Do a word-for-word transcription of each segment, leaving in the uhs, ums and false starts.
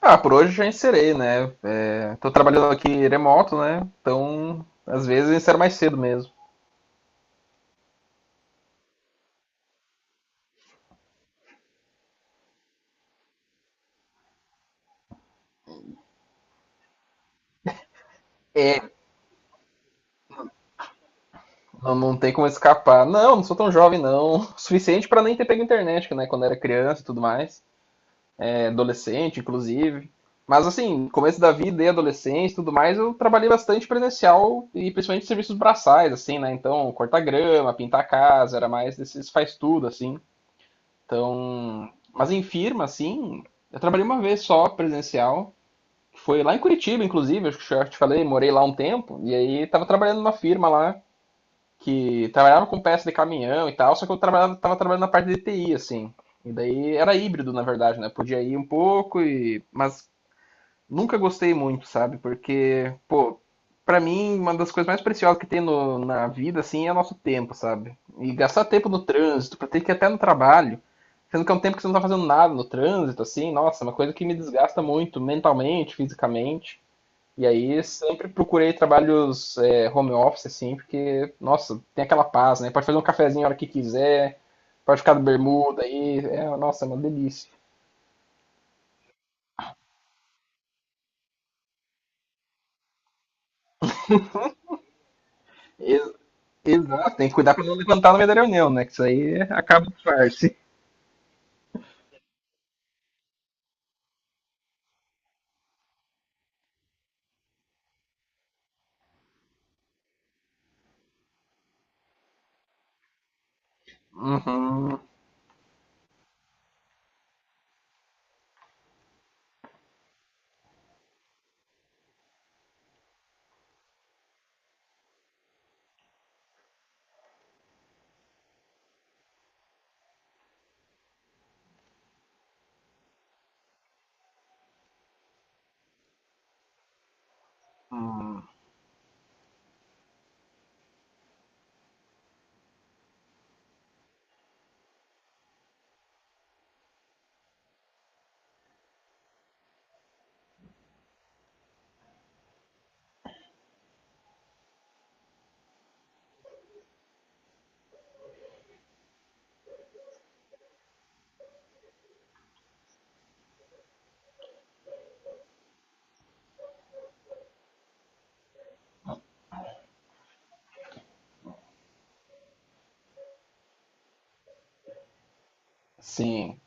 Ah, por hoje já encerei, né? É, tô trabalhando aqui remoto, né? Então, às vezes eu encero mais cedo mesmo. Não, não tem como escapar. Não, não sou tão jovem, não. O suficiente pra nem ter pego internet, né? Quando era criança e tudo mais. É, adolescente, inclusive. Mas, assim, começo da vida e adolescência e tudo mais, eu trabalhei bastante presencial e principalmente serviços braçais, assim, né? Então, cortar grama, pintar a casa, era mais desses faz tudo, assim. Então, mas em firma, assim, eu trabalhei uma vez só presencial, que foi lá em Curitiba, inclusive, acho que eu já te falei, morei lá um tempo, e aí tava trabalhando numa firma lá que trabalhava com peça de caminhão e tal, só que eu trabalhava, tava trabalhando na parte de T I, assim. E daí era híbrido, na verdade, né? Podia ir um pouco e mas nunca gostei muito, sabe? Porque, pô, pra mim uma das coisas mais preciosas que tem no- na vida assim é o nosso tempo, sabe? E gastar tempo no trânsito, pra ter que ir até no trabalho, sendo que é um tempo que você não tá fazendo nada no trânsito assim, nossa, é uma coisa que me desgasta muito mentalmente, fisicamente. E aí sempre procurei trabalhos é, home office, assim, porque, nossa, tem aquela paz, né? Pode fazer um cafezinho a hora que quiser, pode ficar de bermuda aí, é, nossa, é uma delícia. Ex- Exato, tem que cuidar pra não levantar no meio da reunião, né? Que isso aí acaba o disfarce. Uhum. Sim.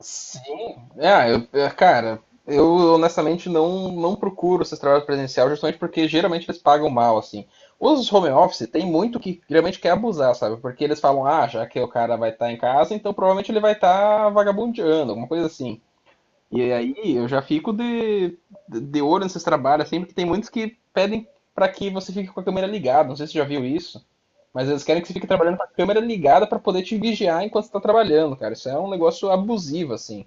Sim, é, eu- é, cara, eu honestamente não, não procuro esses trabalhos presencial justamente porque geralmente eles pagam mal, assim. Os home office tem muito que geralmente quer abusar, sabe? Porque eles falam, ah, já que o cara vai estar em casa, então provavelmente ele vai estar vagabundeando, alguma coisa assim. E aí eu já fico de, de olho nesses trabalhos, assim, porque tem muitos que pedem pra que você fique com a câmera ligada, não sei se você já viu isso. Mas eles querem que você fique trabalhando com a câmera ligada pra poder te vigiar enquanto você tá trabalhando, cara. Isso é um negócio abusivo, assim.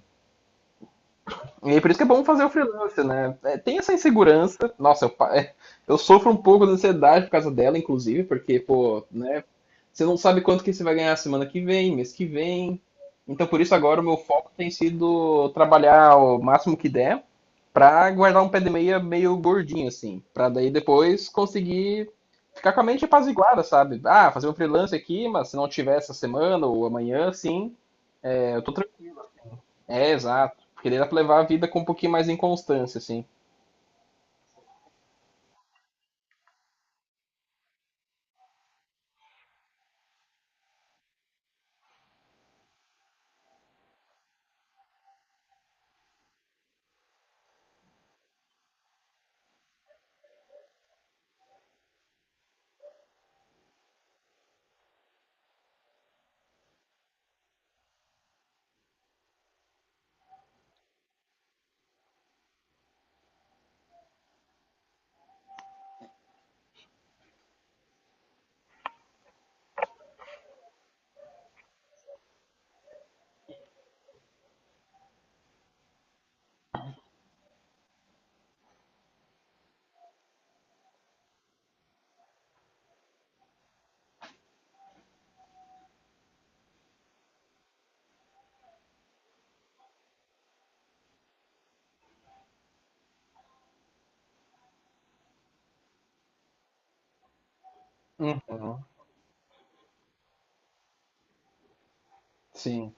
E aí por isso que é bom fazer o freelancer, né? É, tem essa insegurança. Nossa, eu, pa- eu sofro um pouco de ansiedade por causa dela, inclusive, porque, pô, né? Você não sabe quanto que você vai ganhar semana que vem, mês que vem. Então por isso agora o meu foco tem sido trabalhar o máximo que der pra guardar um pé de meia meio gordinho, assim. Pra daí depois conseguir ficar com a mente apaziguada, sabe? Ah, fazer um freelance aqui, mas se não tiver essa semana ou amanhã, sim, é, eu tô tranquilo. É, exato. Porque daí dá pra levar a vida com um pouquinho mais de constância, assim. Uhum, sim.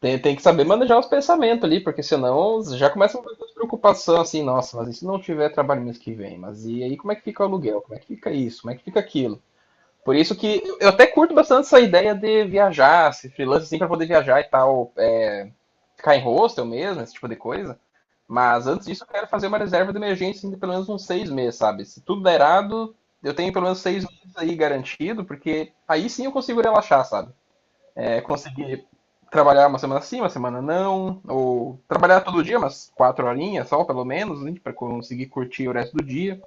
Tem, tem que saber manejar os pensamentos ali, porque senão já começa uma preocupação assim, nossa, mas e se não tiver trabalho mês que vem? Mas e aí como é que fica o aluguel? Como é que fica isso? Como é que fica aquilo? Por isso que eu eu até curto bastante essa ideia de viajar, se freelance assim pra poder viajar e tal, é, ficar em hostel mesmo, esse tipo de coisa. Mas antes disso, eu quero fazer uma reserva de emergência de pelo menos uns seis meses, sabe? Se tudo der errado, eu tenho pelo menos seis meses aí garantido, porque aí sim eu consigo relaxar, sabe? É, conseguir trabalhar uma semana sim, uma semana não, ou trabalhar todo dia, umas quatro horinhas só, pelo menos, né, para conseguir curtir o resto do dia.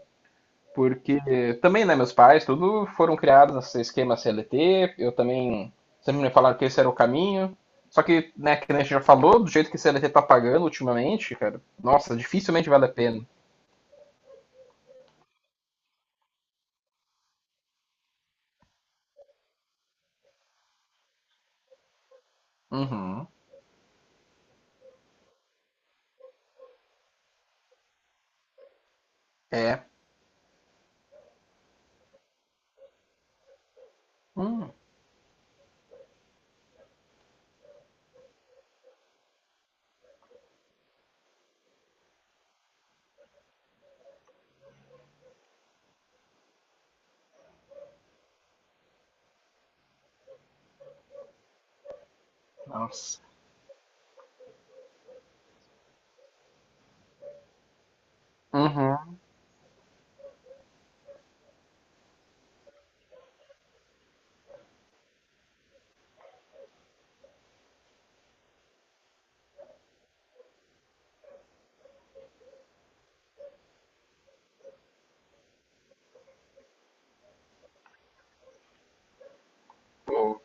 Porque também, né, meus pais, tudo foram criados nesse esquema C L T, eu também sempre me falaram que esse era o caminho. Só que, né, que a gente já falou, do jeito que o C L T tá pagando ultimamente, cara, nossa, dificilmente vale a pena. Uhum. É. Hum, nossa. Uhum. Pô.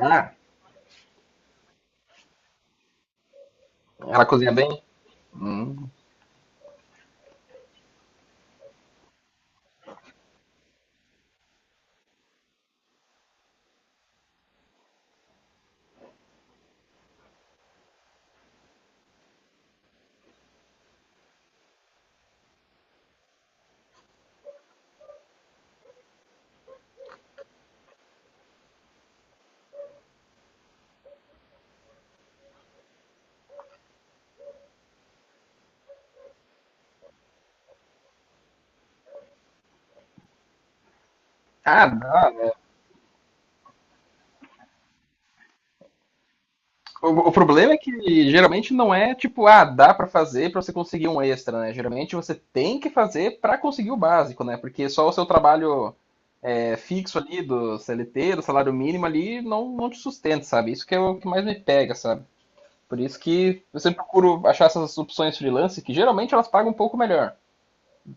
Ah, ela cozinha bem? Hum. Ah, dá. O, o problema é que geralmente não é tipo, ah, dá pra fazer pra você conseguir um extra, né? Geralmente você tem que fazer pra conseguir o básico, né? Porque só o seu trabalho é, fixo ali do C L T, do salário mínimo ali, não, não te sustenta, sabe? Isso que é o que mais me pega, sabe? Por isso que eu sempre procuro achar essas opções freelance, que geralmente elas pagam um pouco melhor,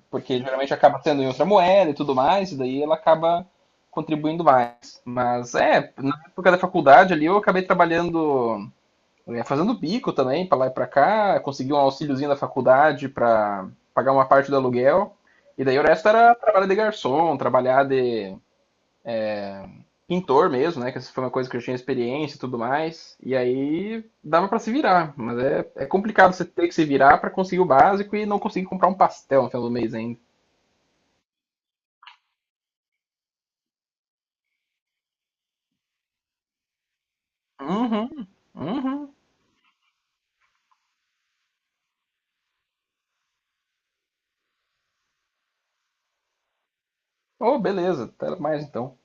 porque geralmente acaba sendo em outra moeda e tudo mais, e daí ela acaba contribuindo mais. Mas é, na época da faculdade ali eu acabei trabalhando, é, fazendo bico também, para lá e para cá, consegui um auxíliozinho da faculdade para pagar uma parte do aluguel, e daí o resto era trabalhar de garçom, trabalhar de pintor mesmo, né? Que essa foi uma coisa que eu tinha experiência e tudo mais. E aí dava pra se virar, mas é, é complicado você ter que se virar pra conseguir o básico e não conseguir comprar um pastel no final do mês ainda. Uhum, uhum. Oh, beleza, até mais então.